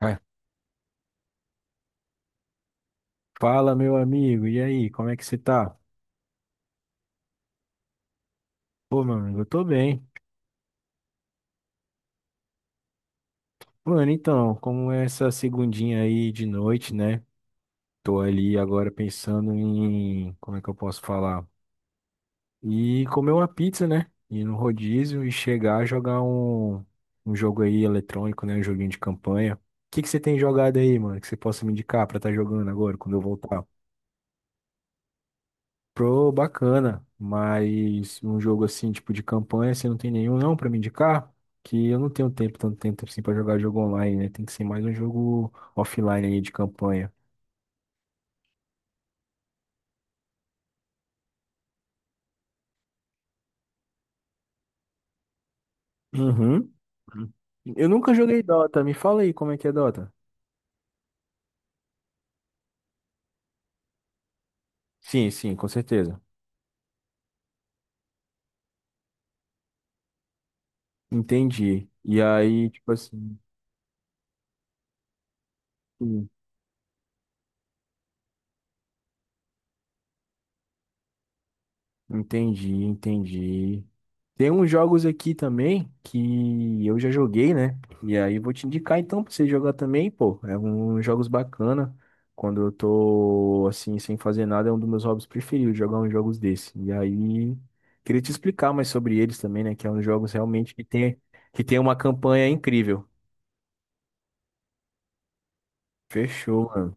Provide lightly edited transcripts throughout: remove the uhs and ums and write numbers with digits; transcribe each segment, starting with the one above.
Vai. Fala, meu amigo, e aí, como é que você tá? Pô, meu amigo, eu tô bem. Mano, então, como é essa segundinha aí de noite, né? Tô ali agora pensando em, como é que eu posso falar? E comer uma pizza, né? Ir no rodízio e chegar a jogar um, um jogo aí eletrônico, né? Um joguinho de campanha. O que que você tem jogado aí, mano, que você possa me indicar pra estar jogando agora, quando eu voltar? Pro bacana, mas um jogo assim, tipo de campanha, você não tem nenhum não pra me indicar? Que eu não tenho tempo, tanto tempo assim pra jogar jogo online, né? Tem que ser mais um jogo offline aí de campanha. Uhum. Eu nunca joguei Dota, me fala aí como é que é Dota. Sim, sim, com certeza. Entendi. E aí, tipo assim. Entendi, entendi. Tem uns jogos aqui também que eu já joguei, né? E aí vou te indicar então pra você jogar também, pô. É uns jogos bacana. Quando eu tô assim, sem fazer nada, é um dos meus hobbies preferidos, jogar uns jogos desse. E aí, queria te explicar mais sobre eles também, né? Que é uns jogos realmente que tem uma campanha incrível. Fechou, mano.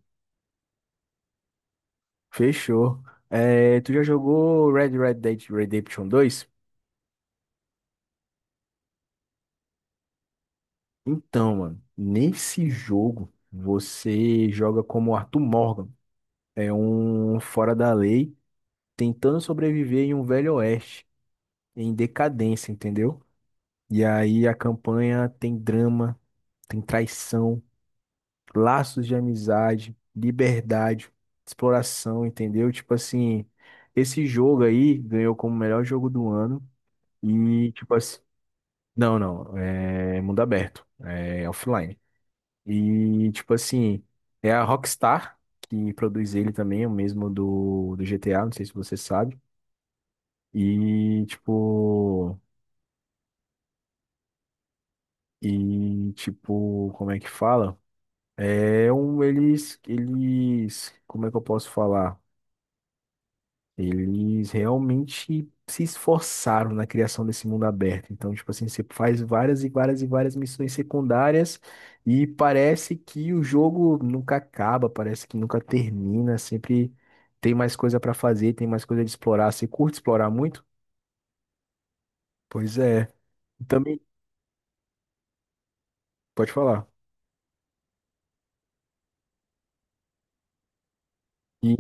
Fechou. É, tu já jogou Red Dead Redemption dois? Então, mano, nesse jogo você joga como Arthur Morgan, é um fora da lei, tentando sobreviver em um velho oeste, em decadência, entendeu? E aí a campanha tem drama, tem traição, laços de amizade, liberdade, exploração, entendeu? Tipo assim, esse jogo aí ganhou como melhor jogo do ano e tipo assim, não, não, é mundo aberto, é offline. E, tipo assim, é a Rockstar que produz ele também, o mesmo do GTA, não sei se você sabe. E, tipo, e, tipo, como é que fala? É um, eles, como é que eu posso falar? Eles realmente se esforçaram na criação desse mundo aberto. Então, tipo assim, você faz várias e várias e várias missões secundárias e parece que o jogo nunca acaba, parece que nunca termina, sempre tem mais coisa pra fazer, tem mais coisa de explorar. Você curte explorar muito? Pois é. Também pode falar.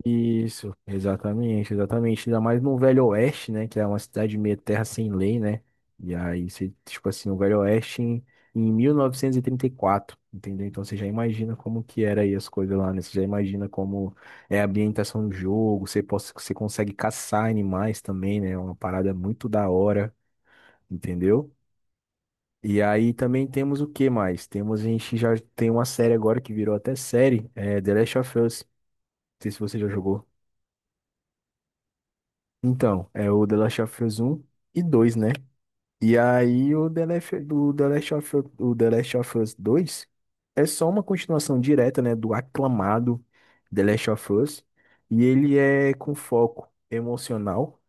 Isso, exatamente, exatamente. Ainda mais no Velho Oeste, né? Que é uma cidade meio terra sem lei, né? E aí, você, tipo assim, o Velho Oeste em 1934, entendeu? Então você já imagina como que era aí as coisas lá, né? Você já imagina como é a ambientação do jogo, você, possa, você consegue caçar animais também, né? É uma parada muito da hora, entendeu? E aí também temos o que mais? Temos, a gente já tem uma série agora que virou até série, é The Last of Us. Não sei se você já jogou. Então, é o The Last of Us 1 e dois, né? E aí o The Last of Us 2 é só uma continuação direta, né, do aclamado The Last of Us, e ele é com foco emocional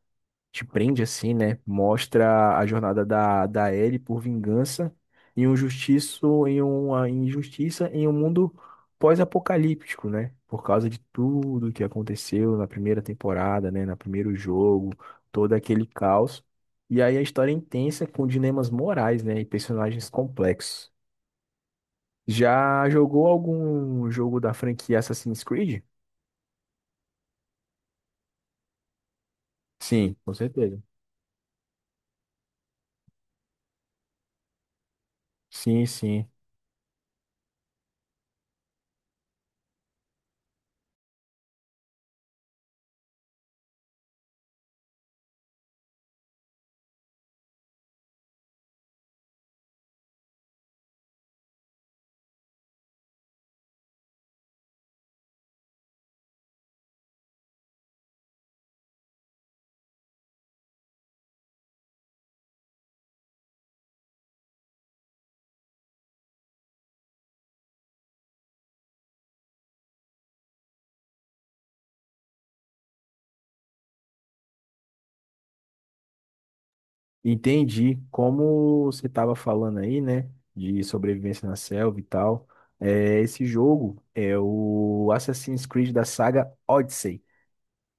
te prende assim, né? Mostra a jornada da Ellie por vingança e um justiço em uma injustiça em um mundo pós-apocalíptico, né? Por causa de tudo que aconteceu na primeira temporada, né? Na primeiro jogo, todo aquele caos. E aí a história é intensa com dilemas morais, né? E personagens complexos. Já jogou algum jogo da franquia Assassin's Creed? Sim, com certeza. Sim, sim. Entendi. Como você estava falando aí, né, de sobrevivência na selva e tal, é, esse jogo é o Assassin's Creed da saga Odyssey.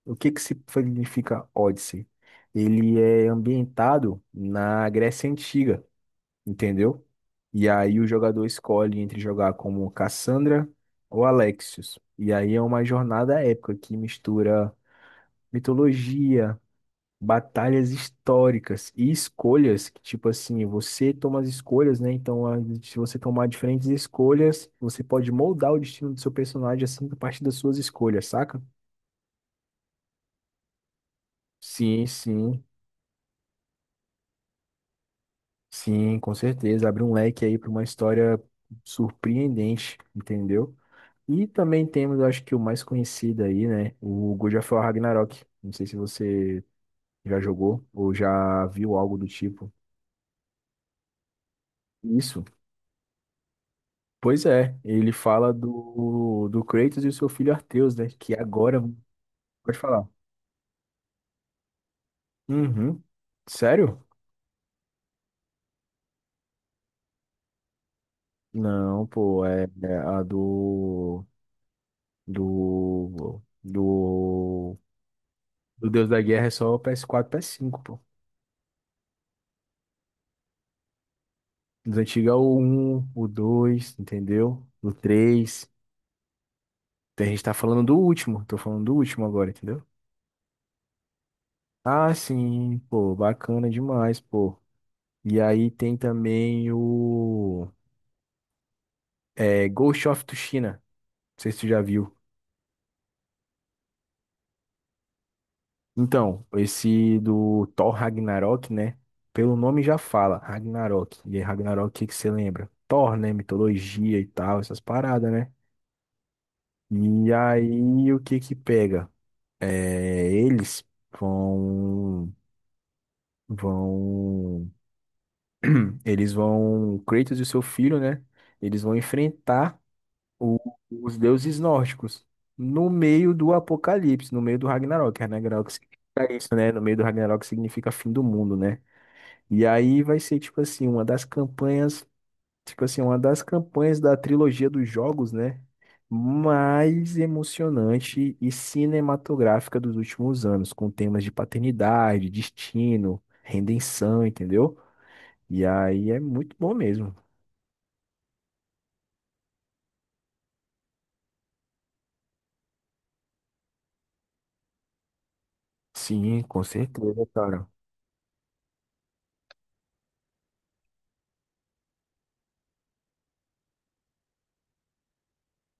O que que significa Odyssey? Ele é ambientado na Grécia Antiga, entendeu? E aí o jogador escolhe entre jogar como Cassandra ou Alexios. E aí é uma jornada épica que mistura mitologia, batalhas históricas e escolhas, que, tipo assim, você toma as escolhas, né? Então, se você tomar diferentes escolhas, você pode moldar o destino do seu personagem assim a partir das suas escolhas, saca? Sim, sim, sim, com certeza. Abre um leque aí para uma história surpreendente, entendeu? E também temos, eu acho que o mais conhecido aí, né? O God of War Ragnarok. Não sei se você já jogou ou já viu algo do tipo. Isso. Pois é, ele fala do Kratos e o seu filho Arteus, né? Que agora. Pode falar. Uhum. Sério? Não, pô, é, é a do. Do. Do. Do Deus da Guerra é só o PS4, PS5, pô. Dos antigos é o um o 2 entendeu? O três. Então a gente tá falando do último, tô falando do último agora, entendeu? Ah, sim, pô, bacana demais, pô. E aí tem também o. É, Ghost of Tsushima. Não sei se tu já viu. Então, esse do Thor Ragnarok, né? Pelo nome já fala, Ragnarok. E aí, Ragnarok, o que que você lembra? Thor, né? Mitologia e tal, essas paradas, né? E aí, o que que pega? É, vão, vão, eles vão, Kratos e o seu filho, né? Eles vão enfrentar o- os deuses nórdicos, no meio do Apocalipse, no meio do Ragnarok. Ragnarok significa isso, né? No meio do Ragnarok significa fim do mundo, né? E aí vai ser, tipo assim, uma das campanhas da trilogia dos jogos, né? Mais emocionante e cinematográfica dos últimos anos, com temas de paternidade, destino, redenção, entendeu? E aí é muito bom mesmo. Sim, com certeza, cara.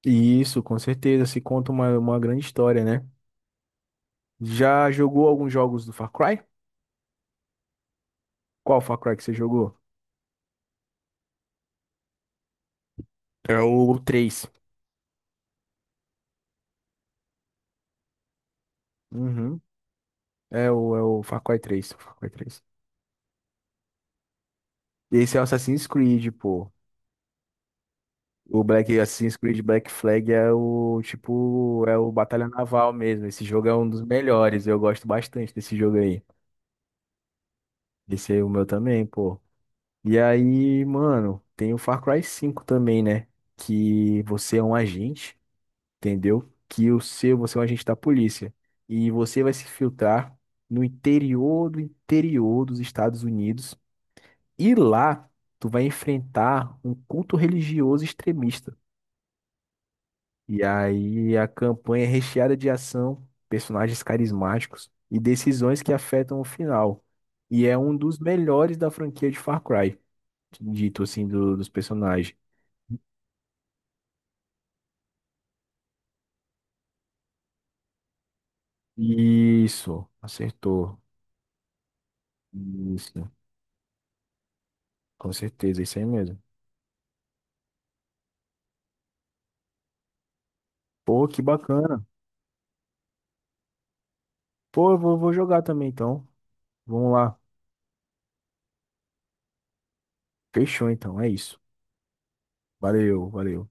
Isso, com certeza, se conta uma grande história, né? Já jogou alguns jogos do Far Cry? Qual Far Cry que você jogou? É o 3. Uhum. É o Far Cry 3. Far Cry 3. Esse é o Assassin's Creed, pô. O Black Assassin's Creed Black Flag é o tipo, é o Batalha Naval mesmo. Esse jogo é um dos melhores. Eu gosto bastante desse jogo aí. Esse aí é o meu também, pô. E aí, mano, tem o Far Cry 5 também, né? Que você é um agente. Entendeu? Que o seu, você é um agente da polícia. E você vai se filtrar no interior do interior dos Estados Unidos. E lá, tu vai enfrentar um culto religioso extremista. E aí a campanha é recheada de ação, personagens carismáticos e decisões que afetam o final. E é um dos melhores da franquia de Far Cry, dito assim, dos personagens. Isso, acertou. Isso, com certeza, isso aí mesmo. Pô, que bacana. Pô, eu vou jogar também, então. Vamos lá. Fechou, então. É isso. Valeu, valeu.